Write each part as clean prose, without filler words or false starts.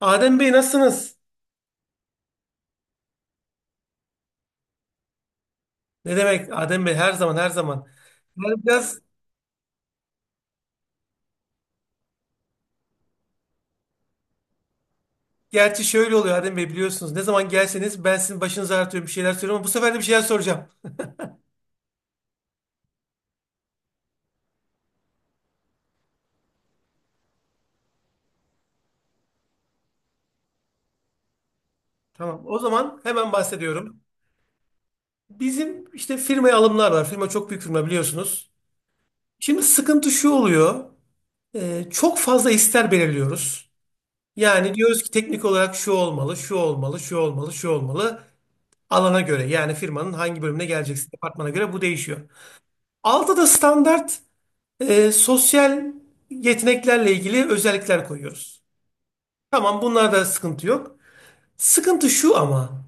Adem Bey, nasılsınız? Ne demek Adem Bey, her zaman, her zaman. Yani biraz, gerçi şöyle oluyor Adem Bey, biliyorsunuz. Ne zaman gelseniz ben sizin başınızı ağrıtıyorum, bir şeyler söylüyorum ama bu sefer de bir şeyler soracağım. Tamam, o zaman hemen bahsediyorum. Bizim işte firmaya alımlar var. Firma çok büyük firma, biliyorsunuz. Şimdi sıkıntı şu oluyor. Çok fazla ister belirliyoruz. Yani diyoruz ki teknik olarak şu olmalı, şu olmalı, şu olmalı, şu olmalı. Alana göre, yani firmanın hangi bölümüne geleceksiniz, departmana göre bu değişiyor. Altta da standart sosyal yeteneklerle ilgili özellikler koyuyoruz. Tamam, bunlarda sıkıntı yok. Sıkıntı şu ama.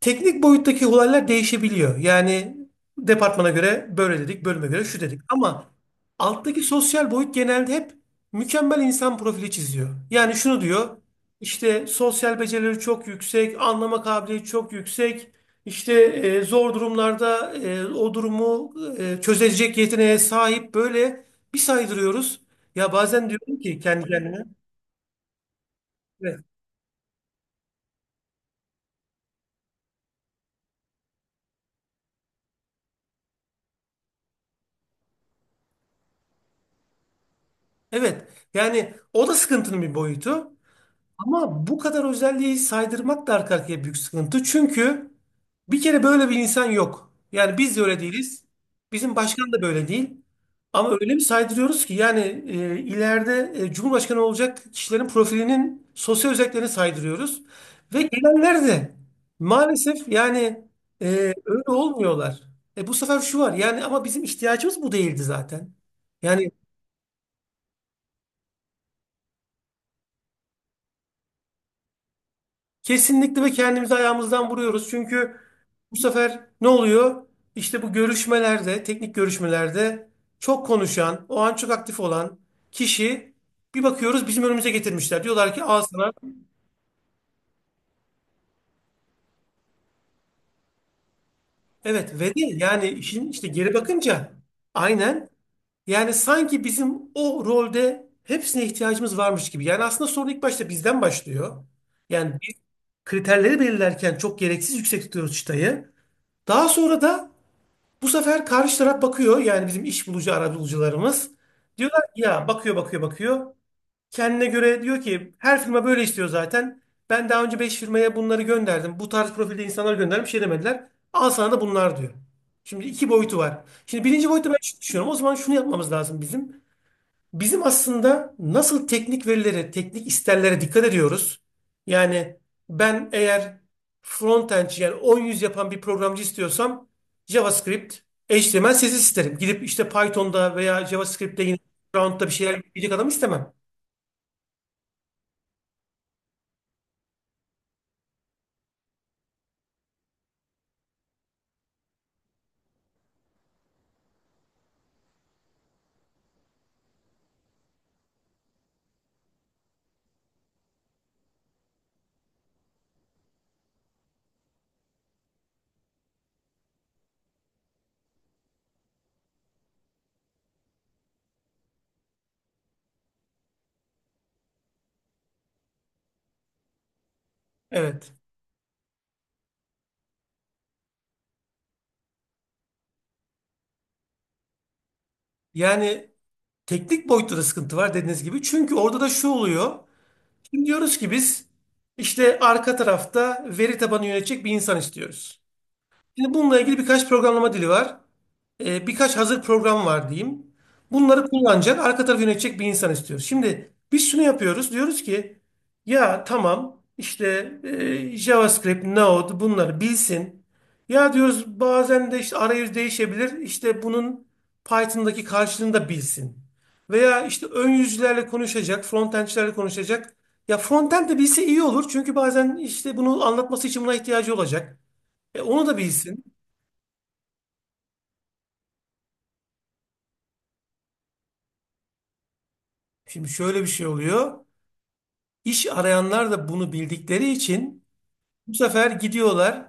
Teknik boyuttaki olaylar değişebiliyor. Yani departmana göre böyle dedik, bölüme göre şu dedik. Ama alttaki sosyal boyut genelde hep mükemmel insan profili çiziyor. Yani şunu diyor, işte sosyal becerileri çok yüksek, anlama kabiliyeti çok yüksek, işte zor durumlarda o durumu çözecek yeteneğe sahip, böyle bir saydırıyoruz. Ya bazen diyorum ki kendi kendime, evet, evet. Yani o da sıkıntının bir boyutu. Ama bu kadar özelliği saydırmak da arka arkaya büyük sıkıntı. Çünkü bir kere böyle bir insan yok. Yani biz de öyle değiliz. Bizim başkan da böyle değil. Ama öyle bir saydırıyoruz ki yani ileride Cumhurbaşkanı olacak kişilerin profilinin sosyal özelliklerini saydırıyoruz. Ve gelenler de maalesef yani e, öyle olmuyorlar. Bu sefer şu var, yani ama bizim ihtiyacımız bu değildi zaten. Yani kesinlikle ve kendimizi ayağımızdan vuruyoruz. Çünkü bu sefer ne oluyor? İşte bu görüşmelerde, teknik görüşmelerde çok konuşan, o an çok aktif olan kişi, bir bakıyoruz bizim önümüze getirmişler. Diyorlar ki al sana. Evet, ve de yani işin, işte geri bakınca aynen, yani sanki bizim o rolde hepsine ihtiyacımız varmış gibi. Yani aslında sorun ilk başta bizden başlıyor. Yani biz kriterleri belirlerken çok gereksiz yüksek tutuyoruz çıtayı. Daha sonra da bu sefer karşı taraf bakıyor, yani bizim iş bulucu arabulucularımız. Diyorlar ki ya, bakıyor bakıyor bakıyor. Kendine göre diyor ki her firma böyle istiyor zaten. Ben daha önce 5 firmaya bunları gönderdim. Bu tarz profilde insanlar gönderdim, bir şey demediler. Al sana da bunlar diyor. Şimdi iki boyutu var. Şimdi birinci boyutta ben şunu düşünüyorum. O zaman şunu yapmamız lazım bizim. Bizim aslında nasıl teknik verilere, teknik isterlere dikkat ediyoruz. Yani ben eğer frontend, yani 10 yüz yapan bir programcı istiyorsam JavaScript, HTML, CSS isterim. Gidip işte Python'da veya JavaScript'te yine background'da bir şeyler yapacak adam istemem. Evet. Yani teknik boyutta da sıkıntı var, dediğiniz gibi. Çünkü orada da şu oluyor. Şimdi diyoruz ki biz işte arka tarafta veri tabanı yönetecek bir insan istiyoruz. Şimdi bununla ilgili birkaç programlama dili var. Birkaç hazır program var diyeyim. Bunları kullanacak, arka tarafı yönetecek bir insan istiyoruz. Şimdi biz şunu yapıyoruz. Diyoruz ki ya tamam, işte JavaScript, Node, bunları bilsin. Ya diyoruz bazen de işte arayüz değişebilir. İşte bunun Python'daki karşılığını da bilsin. Veya işte ön yüzlerle konuşacak, frontendçilerle konuşacak. Ya frontend de bilse iyi olur. Çünkü bazen işte bunu anlatması için buna ihtiyacı olacak. Onu da bilsin. Şimdi şöyle bir şey oluyor. İş arayanlar da bunu bildikleri için bu sefer gidiyorlar,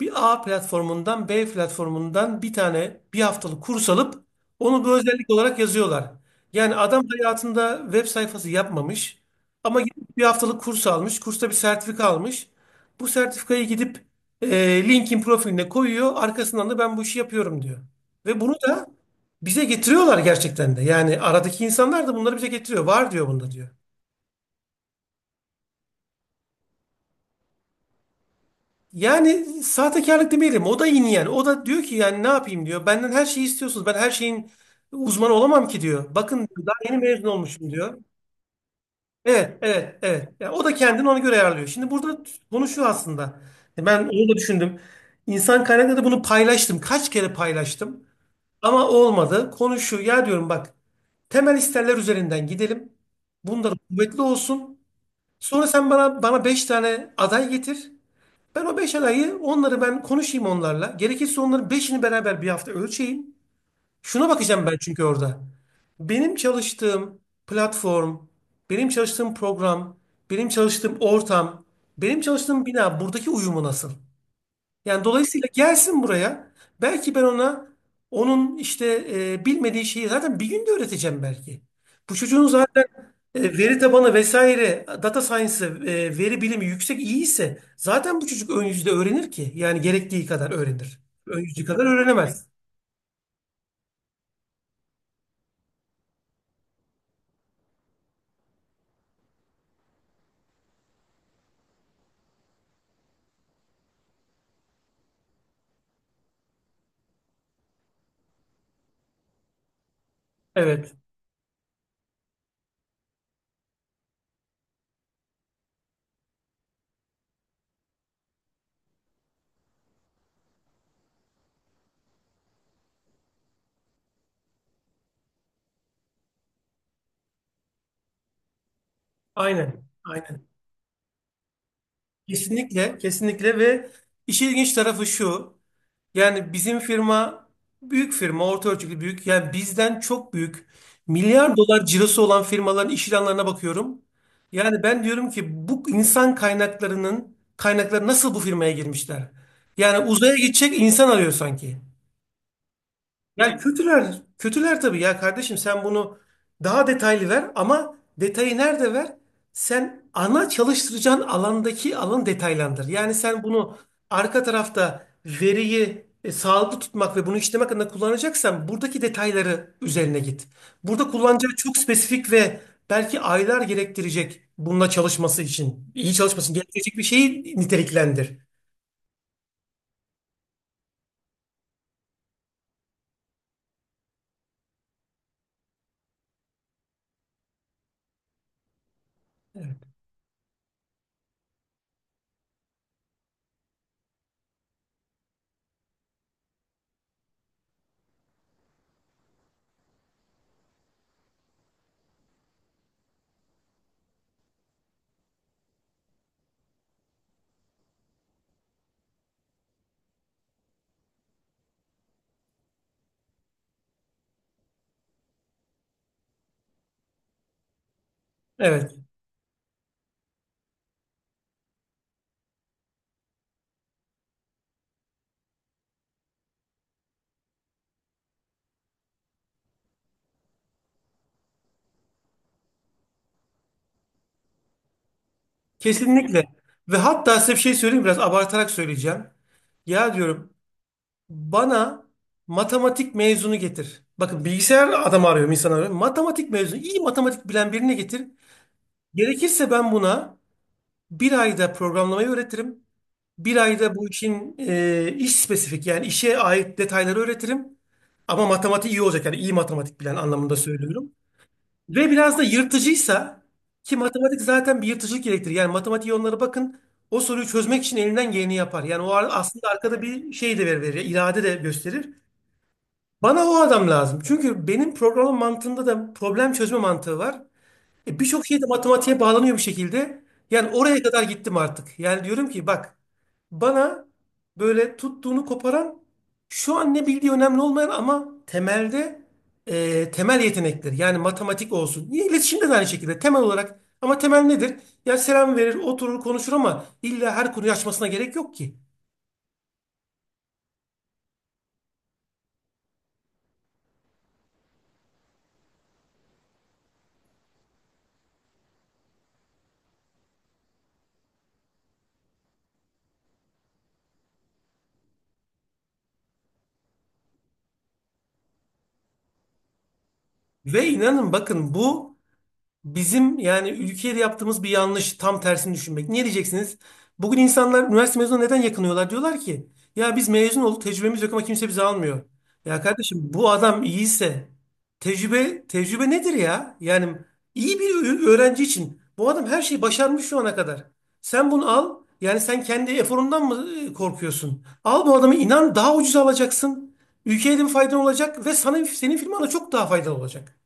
bir A platformundan, B platformundan bir tane bir haftalık kurs alıp onu bir özellik olarak yazıyorlar. Yani adam hayatında web sayfası yapmamış ama gidip bir haftalık kurs almış. Kursta bir sertifika almış. Bu sertifikayı gidip LinkedIn profiline koyuyor. Arkasından da ben bu işi yapıyorum diyor. Ve bunu da bize getiriyorlar gerçekten de. Yani aradaki insanlar da bunları bize getiriyor. Var diyor, bunda diyor. Yani sahtekarlık demeyelim. O da yine yani. O da diyor ki, yani ne yapayım diyor. Benden her şeyi istiyorsunuz. Ben her şeyin uzmanı olamam ki diyor. Bakın diyor, daha yeni mezun olmuşum diyor. Evet, evet, evet. Yani o da kendini ona göre ayarlıyor. Şimdi burada konu şu aslında. Ben onu da düşündüm. İnsan kaynakları da bunu paylaştım. Kaç kere paylaştım. Ama olmadı. Konu şu. Ya diyorum, bak. Temel isterler üzerinden gidelim. Bunlar kuvvetli olsun. Sonra sen bana 5 tane aday getir. Ben o 5 adayı, onları ben konuşayım onlarla. Gerekirse onların beşini beraber bir hafta ölçeyim. Şuna bakacağım ben, çünkü orada. Benim çalıştığım platform, benim çalıştığım program, benim çalıştığım ortam, benim çalıştığım bina, buradaki uyumu nasıl? Yani dolayısıyla gelsin buraya. Belki ben ona, onun işte bilmediği şeyi zaten bir günde öğreteceğim belki. Bu çocuğun zaten veri tabanı vesaire, data science, veri bilimi yüksek iyi ise, zaten bu çocuk ön yüzde öğrenir ki. Yani gerektiği kadar öğrenir. Ön yüzde kadar öğrenemez. Evet. Aynen, aynen. Kesinlikle. Kesinlikle. Ve işin ilginç tarafı şu. Yani bizim firma büyük firma, orta ölçekli büyük. Yani bizden çok büyük. Milyar dolar cirosu olan firmaların iş ilanlarına bakıyorum. Yani ben diyorum ki bu insan kaynaklarının kaynakları nasıl bu firmaya girmişler? Yani uzaya gidecek insan arıyor sanki. Yani kötüler, kötüler tabii ya kardeşim, sen bunu daha detaylı ver ama detayı nerede ver? Sen ana çalıştıracağın alandaki alanı detaylandır. Yani sen bunu arka tarafta veriyi sağlıklı tutmak ve bunu işlemek adına kullanacaksan, buradaki detayları üzerine git. Burada kullanacağı çok spesifik ve belki aylar gerektirecek, bununla çalışması için, iyi çalışması için gerektirecek bir şeyi niteliklendir. Evet. Kesinlikle. Ve hatta size bir şey söyleyeyim, biraz abartarak söyleyeceğim. Ya diyorum, bana matematik mezunu getir. Bakın, bilgisayar adamı arıyorum, insan arıyorum. Matematik mezunu, iyi matematik bilen birini getir. Gerekirse ben buna bir ayda programlamayı öğretirim. Bir ayda bu işin iş spesifik, yani işe ait detayları öğretirim. Ama matematiği iyi olacak, yani iyi matematik bilen anlamında söylüyorum. Ve biraz da yırtıcıysa, ki matematik zaten bir yırtıcılık gerektirir. Yani matematiğe, onlara bakın, o soruyu çözmek için elinden geleni yapar. Yani o aslında arkada bir şey de verir, irade de gösterir. Bana o adam lazım. Çünkü benim programın mantığında da problem çözme mantığı var. Birçok şey de matematiğe bağlanıyor bir şekilde. Yani oraya kadar gittim artık. Yani diyorum ki bak, bana böyle tuttuğunu koparan, şu an ne bildiği önemli olmayan ama temelde temel yetenekler. Yani matematik olsun. Yine İletişimde de aynı şekilde temel olarak. Ama temel nedir? Ya selam verir, oturur, konuşur ama illa her konuyu açmasına gerek yok ki. Ve inanın, bakın, bu bizim yani ülkede yaptığımız bir yanlış, tam tersini düşünmek. Niye diyeceksiniz? Bugün insanlar üniversite mezunu neden yakınıyorlar? Diyorlar ki ya biz mezun olduk, tecrübemiz yok ama kimse bizi almıyor. Ya kardeşim, bu adam iyiyse tecrübe, tecrübe nedir ya? Yani iyi bir öğrenci için bu adam her şeyi başarmış şu ana kadar. Sen bunu al, yani sen kendi eforundan mı korkuyorsun? Al bu adamı, inan daha ucuz alacaksın. Ülkeye de bir faydan olacak ve sana, senin firmana çok daha faydalı olacak.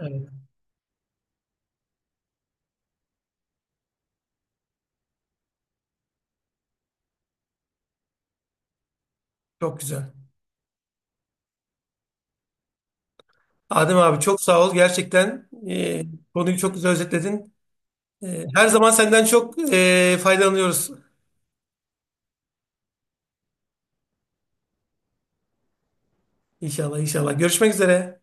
Evet. Çok güzel. Adem abi çok sağ ol. Gerçekten, konuyu çok güzel özetledin. Her zaman senden çok faydalanıyoruz. İnşallah, inşallah. Görüşmek üzere.